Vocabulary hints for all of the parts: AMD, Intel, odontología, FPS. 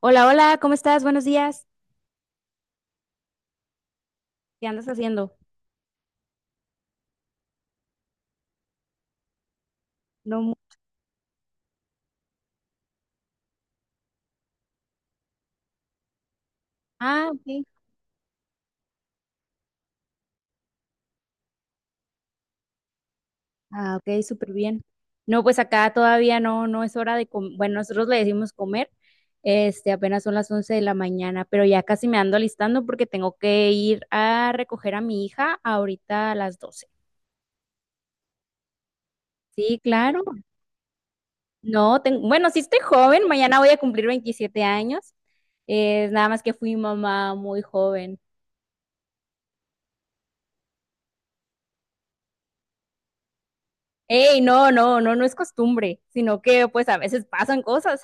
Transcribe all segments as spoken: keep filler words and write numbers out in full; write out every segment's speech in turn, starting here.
Hola, hola, ¿cómo estás? Buenos días. ¿Qué andas haciendo? No, mu- ah, ok. Ah, ok, súper bien. No, pues acá todavía no, no es hora de comer. Bueno, nosotros le decimos comer. Este, apenas son las once de la mañana, pero ya casi me ando alistando porque tengo que ir a recoger a mi hija ahorita a las doce. Sí, claro. No, ten- bueno, sí estoy joven, mañana voy a cumplir veintisiete años. Eh, nada más que fui mamá muy joven. Ey, no, no, no, no es costumbre, sino que pues a veces pasan cosas.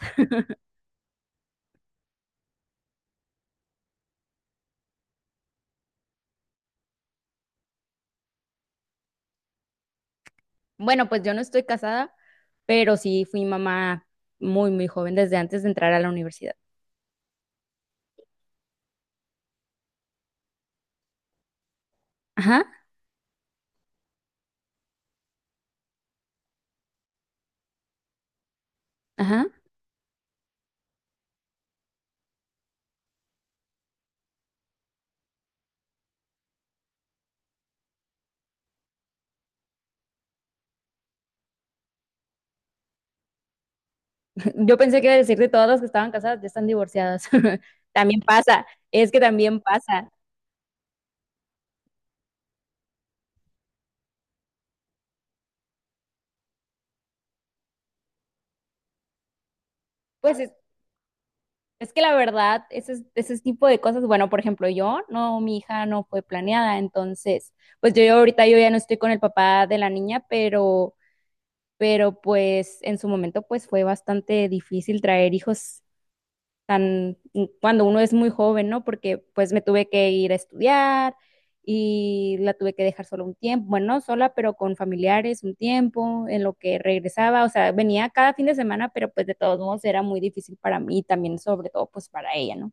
Bueno, pues yo no estoy casada, pero sí fui mamá muy, muy joven desde antes de entrar a la universidad. Ajá, ajá. Yo pensé que iba a decir de todas las que estaban casadas, ya están divorciadas. También pasa, es que también pasa. Pues es, es que la verdad, ese, ese tipo de cosas, bueno, por ejemplo, yo, no, mi hija no fue planeada, entonces, pues yo, yo ahorita yo ya no estoy con el papá de la niña, pero, pero pues en su momento pues fue bastante difícil traer hijos tan mm, cuando uno es muy joven, ¿no? Porque pues me tuve que ir a estudiar y la tuve que dejar sola un tiempo, bueno, no sola, pero con familiares un tiempo, en lo que regresaba, o sea, venía cada fin de semana, pero pues de todos modos era muy difícil para mí y también sobre todo pues para ella, ¿no?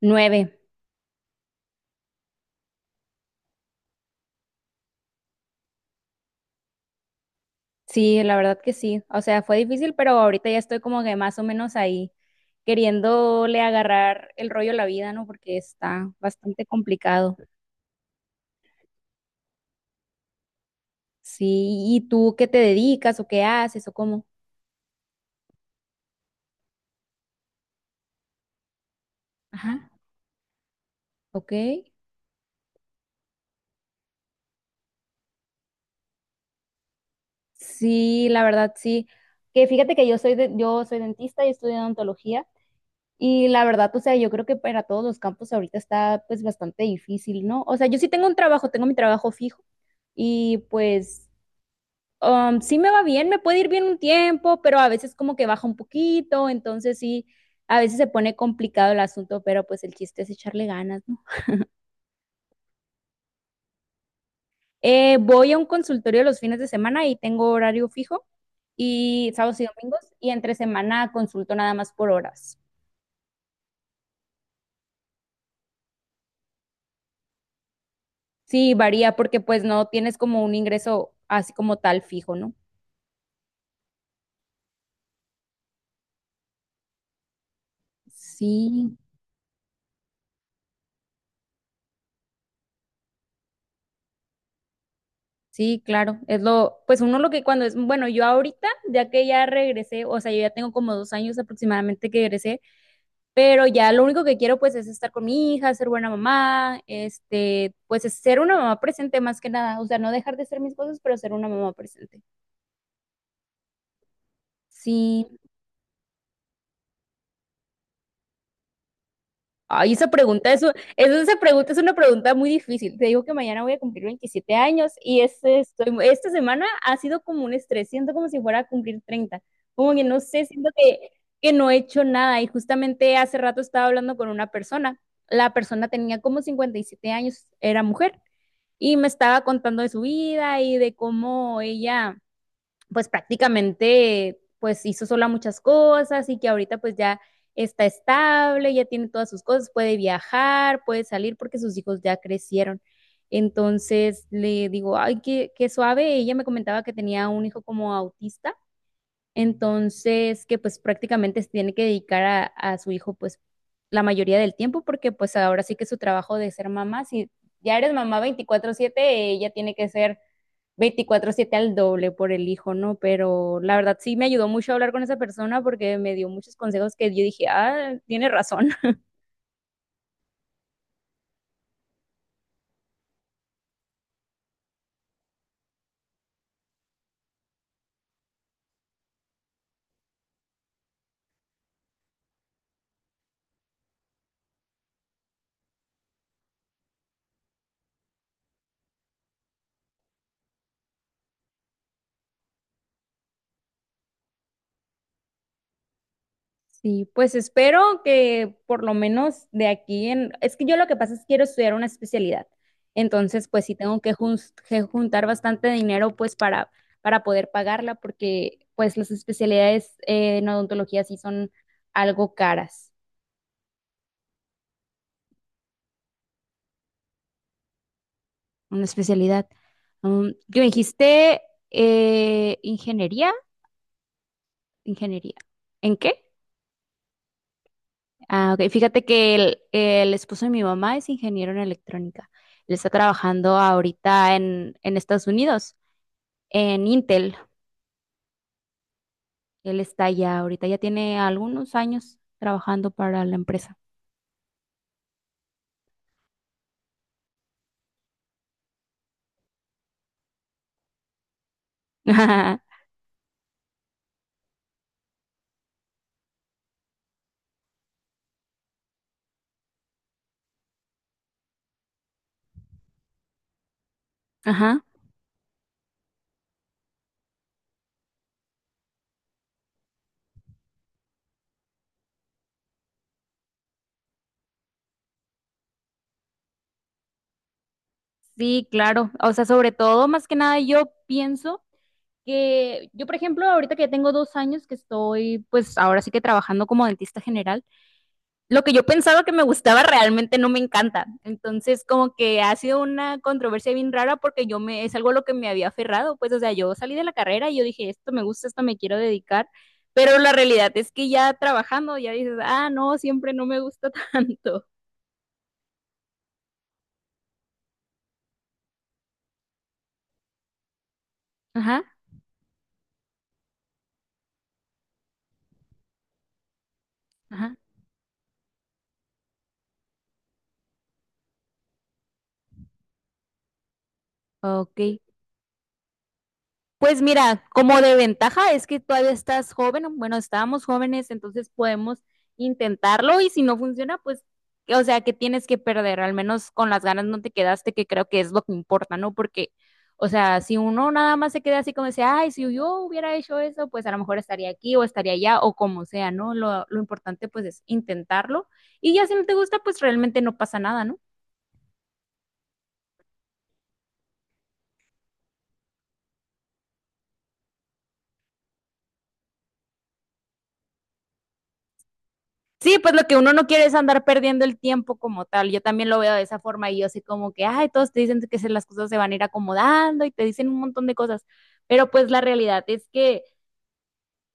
Nueve, sí, la verdad que sí, o sea, fue difícil, pero ahorita ya estoy como que más o menos ahí queriéndole agarrar el rollo a la vida, ¿no? Porque está bastante complicado. Sí, ¿y tú qué te dedicas o qué haces o cómo? Ajá. Ok. Sí, la verdad sí. Que fíjate que yo soy de- yo soy dentista y estudio odontología y la verdad, o sea, yo creo que para todos los campos ahorita está pues bastante difícil, ¿no? O sea, yo sí tengo un trabajo, tengo mi trabajo fijo y pues um, sí me va bien, me puede ir bien un tiempo, pero a veces como que baja un poquito, entonces sí, a veces se pone complicado el asunto, pero pues el chiste es echarle ganas, ¿no? Eh, voy a un consultorio los fines de semana y tengo horario fijo y sábados y domingos y entre semana consulto nada más por horas. Sí, varía porque pues no tienes como un ingreso así como tal fijo, ¿no? Sí, sí, claro. Es lo, pues uno lo que cuando es, bueno, yo ahorita, ya que ya regresé, o sea, yo ya tengo como dos años aproximadamente que regresé, pero ya lo único que quiero pues es estar con mi hija, ser buena mamá, este, pues es ser una mamá presente más que nada, o sea, no dejar de hacer mis cosas, pero ser una mamá presente. Sí. Ay, esa pregunta es, u- es- esa pregunta es una pregunta muy difícil. Te digo que mañana voy a cumplir veintisiete años y este, estoy, esta semana ha sido como un estrés. Siento como si fuera a cumplir treinta. Como que no sé, siento que, que no he hecho nada. Y justamente hace rato estaba hablando con una persona. La persona tenía como cincuenta y siete años, era mujer, y me estaba contando de su vida y de cómo ella pues prácticamente pues hizo sola muchas cosas y que ahorita pues ya está estable, ya tiene todas sus cosas, puede viajar, puede salir porque sus hijos ya crecieron. Entonces le digo, ay, qué, qué suave. Ella me comentaba que tenía un hijo como autista, entonces que pues prácticamente se tiene que dedicar a, a su hijo pues la mayoría del tiempo porque pues ahora sí que su trabajo de ser mamá, si ya eres mamá veinticuatro siete, ella tiene que ser veinticuatro siete al doble por el hijo, ¿no? Pero la verdad sí me ayudó mucho a hablar con esa persona porque me dio muchos consejos que yo dije, ah, tiene razón. Sí, pues espero que por lo menos de aquí en... Es que yo lo que pasa es que quiero estudiar una especialidad. Entonces, pues sí tengo que, jun- que juntar bastante dinero pues para, para, poder pagarla porque pues las especialidades eh, en odontología sí son algo caras. Una especialidad. Um, yo dijiste eh, ingeniería. Ingeniería. ¿En qué? Ah, ok. Fíjate que el, el esposo de mi mamá es ingeniero en electrónica. Él está trabajando ahorita en, en, Estados Unidos, en Intel. Él está ya ahorita, ya tiene algunos años trabajando para la empresa. Ajá. Sí, claro. O sea, sobre todo, más que nada, yo pienso que yo, por ejemplo, ahorita que ya tengo dos años que estoy, pues ahora sí que trabajando como dentista general. Lo que yo pensaba que me gustaba realmente no me encanta. Entonces, como que ha sido una controversia bien rara porque yo me, es algo a lo que me había aferrado, pues, o sea, yo salí de la carrera y yo dije, esto me gusta, esto me quiero dedicar, pero la realidad es que ya trabajando, ya dices, ah, no, siempre no me gusta tanto. Ajá, ajá, ok. Pues mira, como de ventaja es que todavía estás joven, bueno, estábamos jóvenes, entonces podemos intentarlo y si no funciona, pues, que- o sea, que tienes que perder, al menos con las ganas no te quedaste, que creo que es lo que importa, ¿no? Porque, o sea, si uno nada más se queda así como dice, ay, si yo hubiera hecho eso, pues a lo mejor estaría aquí o estaría allá o como sea, ¿no? Lo, lo importante pues es intentarlo y ya si no te gusta, pues realmente no pasa nada, ¿no? Sí, pues lo que uno no quiere es andar perdiendo el tiempo como tal. Yo también lo veo de esa forma y yo sé como que, ay, todos te dicen que se- las cosas se van a ir acomodando y te dicen un montón de cosas, pero pues la realidad es que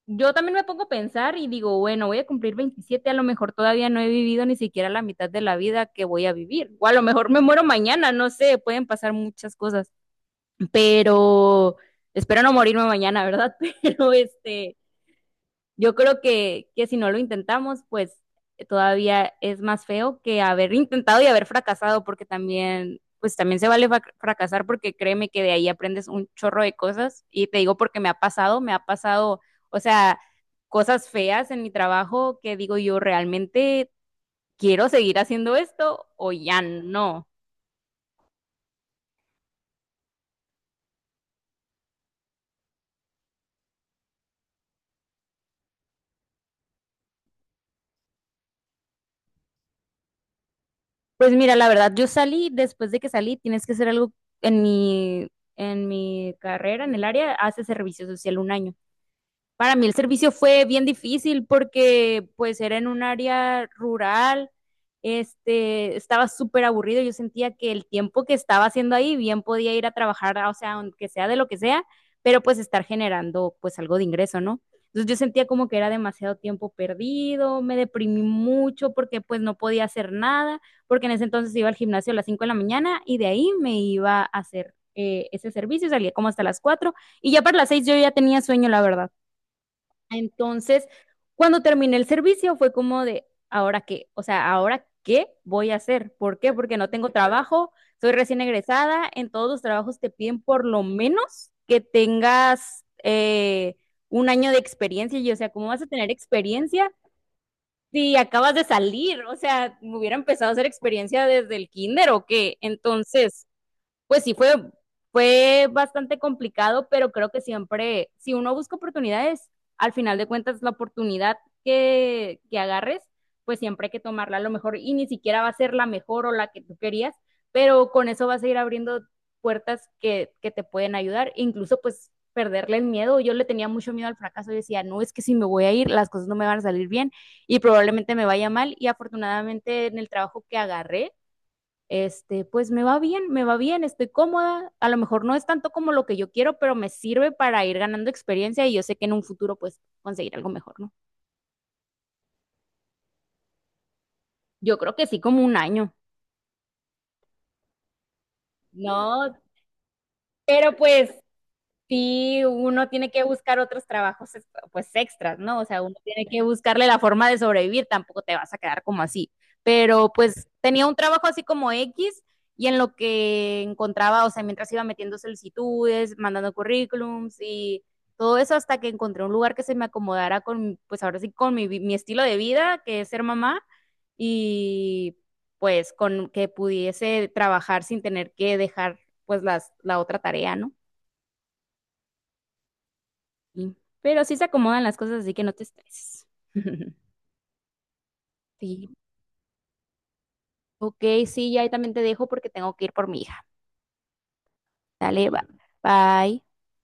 yo también me pongo a pensar y digo, bueno, voy a cumplir veintisiete, a lo mejor todavía no he vivido ni siquiera la mitad de la vida que voy a vivir, o a lo mejor me muero mañana, no sé, pueden pasar muchas cosas, pero espero no morirme mañana, ¿verdad? Pero este... Yo creo que, que si no lo intentamos, pues eh, todavía es más feo que haber intentado y haber fracasado, porque también, pues también se vale frac- fracasar, porque créeme que de ahí aprendes un chorro de cosas. Y te digo porque me ha pasado, me ha pasado, o sea, cosas feas en mi trabajo que digo yo realmente quiero seguir haciendo esto o ya no. Pues mira, la verdad, yo salí, después de que salí, tienes que hacer algo en mi, en mi carrera, en el área, hace servicio social un año. Para mí el servicio fue bien difícil porque pues era en un área rural, este, estaba súper aburrido, yo sentía que el tiempo que estaba haciendo ahí bien podía ir a trabajar, o sea, aunque sea de lo que sea, pero pues estar generando pues algo de ingreso, ¿no? Entonces yo sentía como que era demasiado tiempo perdido, me deprimí mucho porque pues no podía hacer nada, porque en ese entonces iba al gimnasio a las cinco de la mañana y de ahí me iba a hacer eh, ese servicio, salía como hasta las cuatro y ya para las seis yo ya tenía sueño, la verdad. Entonces, cuando terminé el servicio fue como de, ¿ahora qué? O sea, ¿ahora qué voy a hacer? ¿Por qué? Porque no tengo trabajo, soy recién egresada, en todos los trabajos te piden por lo menos que tengas eh, un año de experiencia. Y yo, o sea, ¿cómo vas a tener experiencia si acabas de salir? O sea, me hubiera empezado a hacer experiencia desde el kinder o qué. Entonces pues sí fue, fue bastante complicado, pero creo que siempre, si uno busca oportunidades, al final de cuentas la oportunidad que, que agarres, pues siempre hay que tomarla a lo mejor y ni siquiera va a ser la mejor o la que tú querías, pero con eso vas a ir abriendo puertas que, que te pueden ayudar, incluso pues perderle el miedo. Yo le tenía mucho miedo al fracaso. Yo decía, no, es que si me voy a ir, las cosas no me van a salir bien y probablemente me vaya mal. Y afortunadamente en el trabajo que agarré, este, pues me va bien, me va bien, estoy cómoda, a lo mejor no es tanto como lo que yo quiero, pero me sirve para ir ganando experiencia y yo sé que en un futuro pues conseguir algo mejor, ¿no? Yo creo que sí, como un año. No, pero pues sí uno tiene que buscar otros trabajos pues extras, ¿no? O sea, uno tiene que buscarle la forma de sobrevivir, tampoco te vas a quedar como así. Pero pues tenía un trabajo así como X y en lo que encontraba, o sea, mientras iba metiendo solicitudes, mandando currículums y todo eso hasta que encontré un lugar que se me acomodara con, pues ahora sí, con mi, vi- mi estilo de vida, que es ser mamá y pues con que pudiese trabajar sin tener que dejar pues las, la otra tarea, ¿no? Sí. Pero sí se acomodan las cosas, así que no te estreses. Sí, ok, sí, ya ahí también te dejo porque tengo que ir por mi hija. Dale, va. Bye.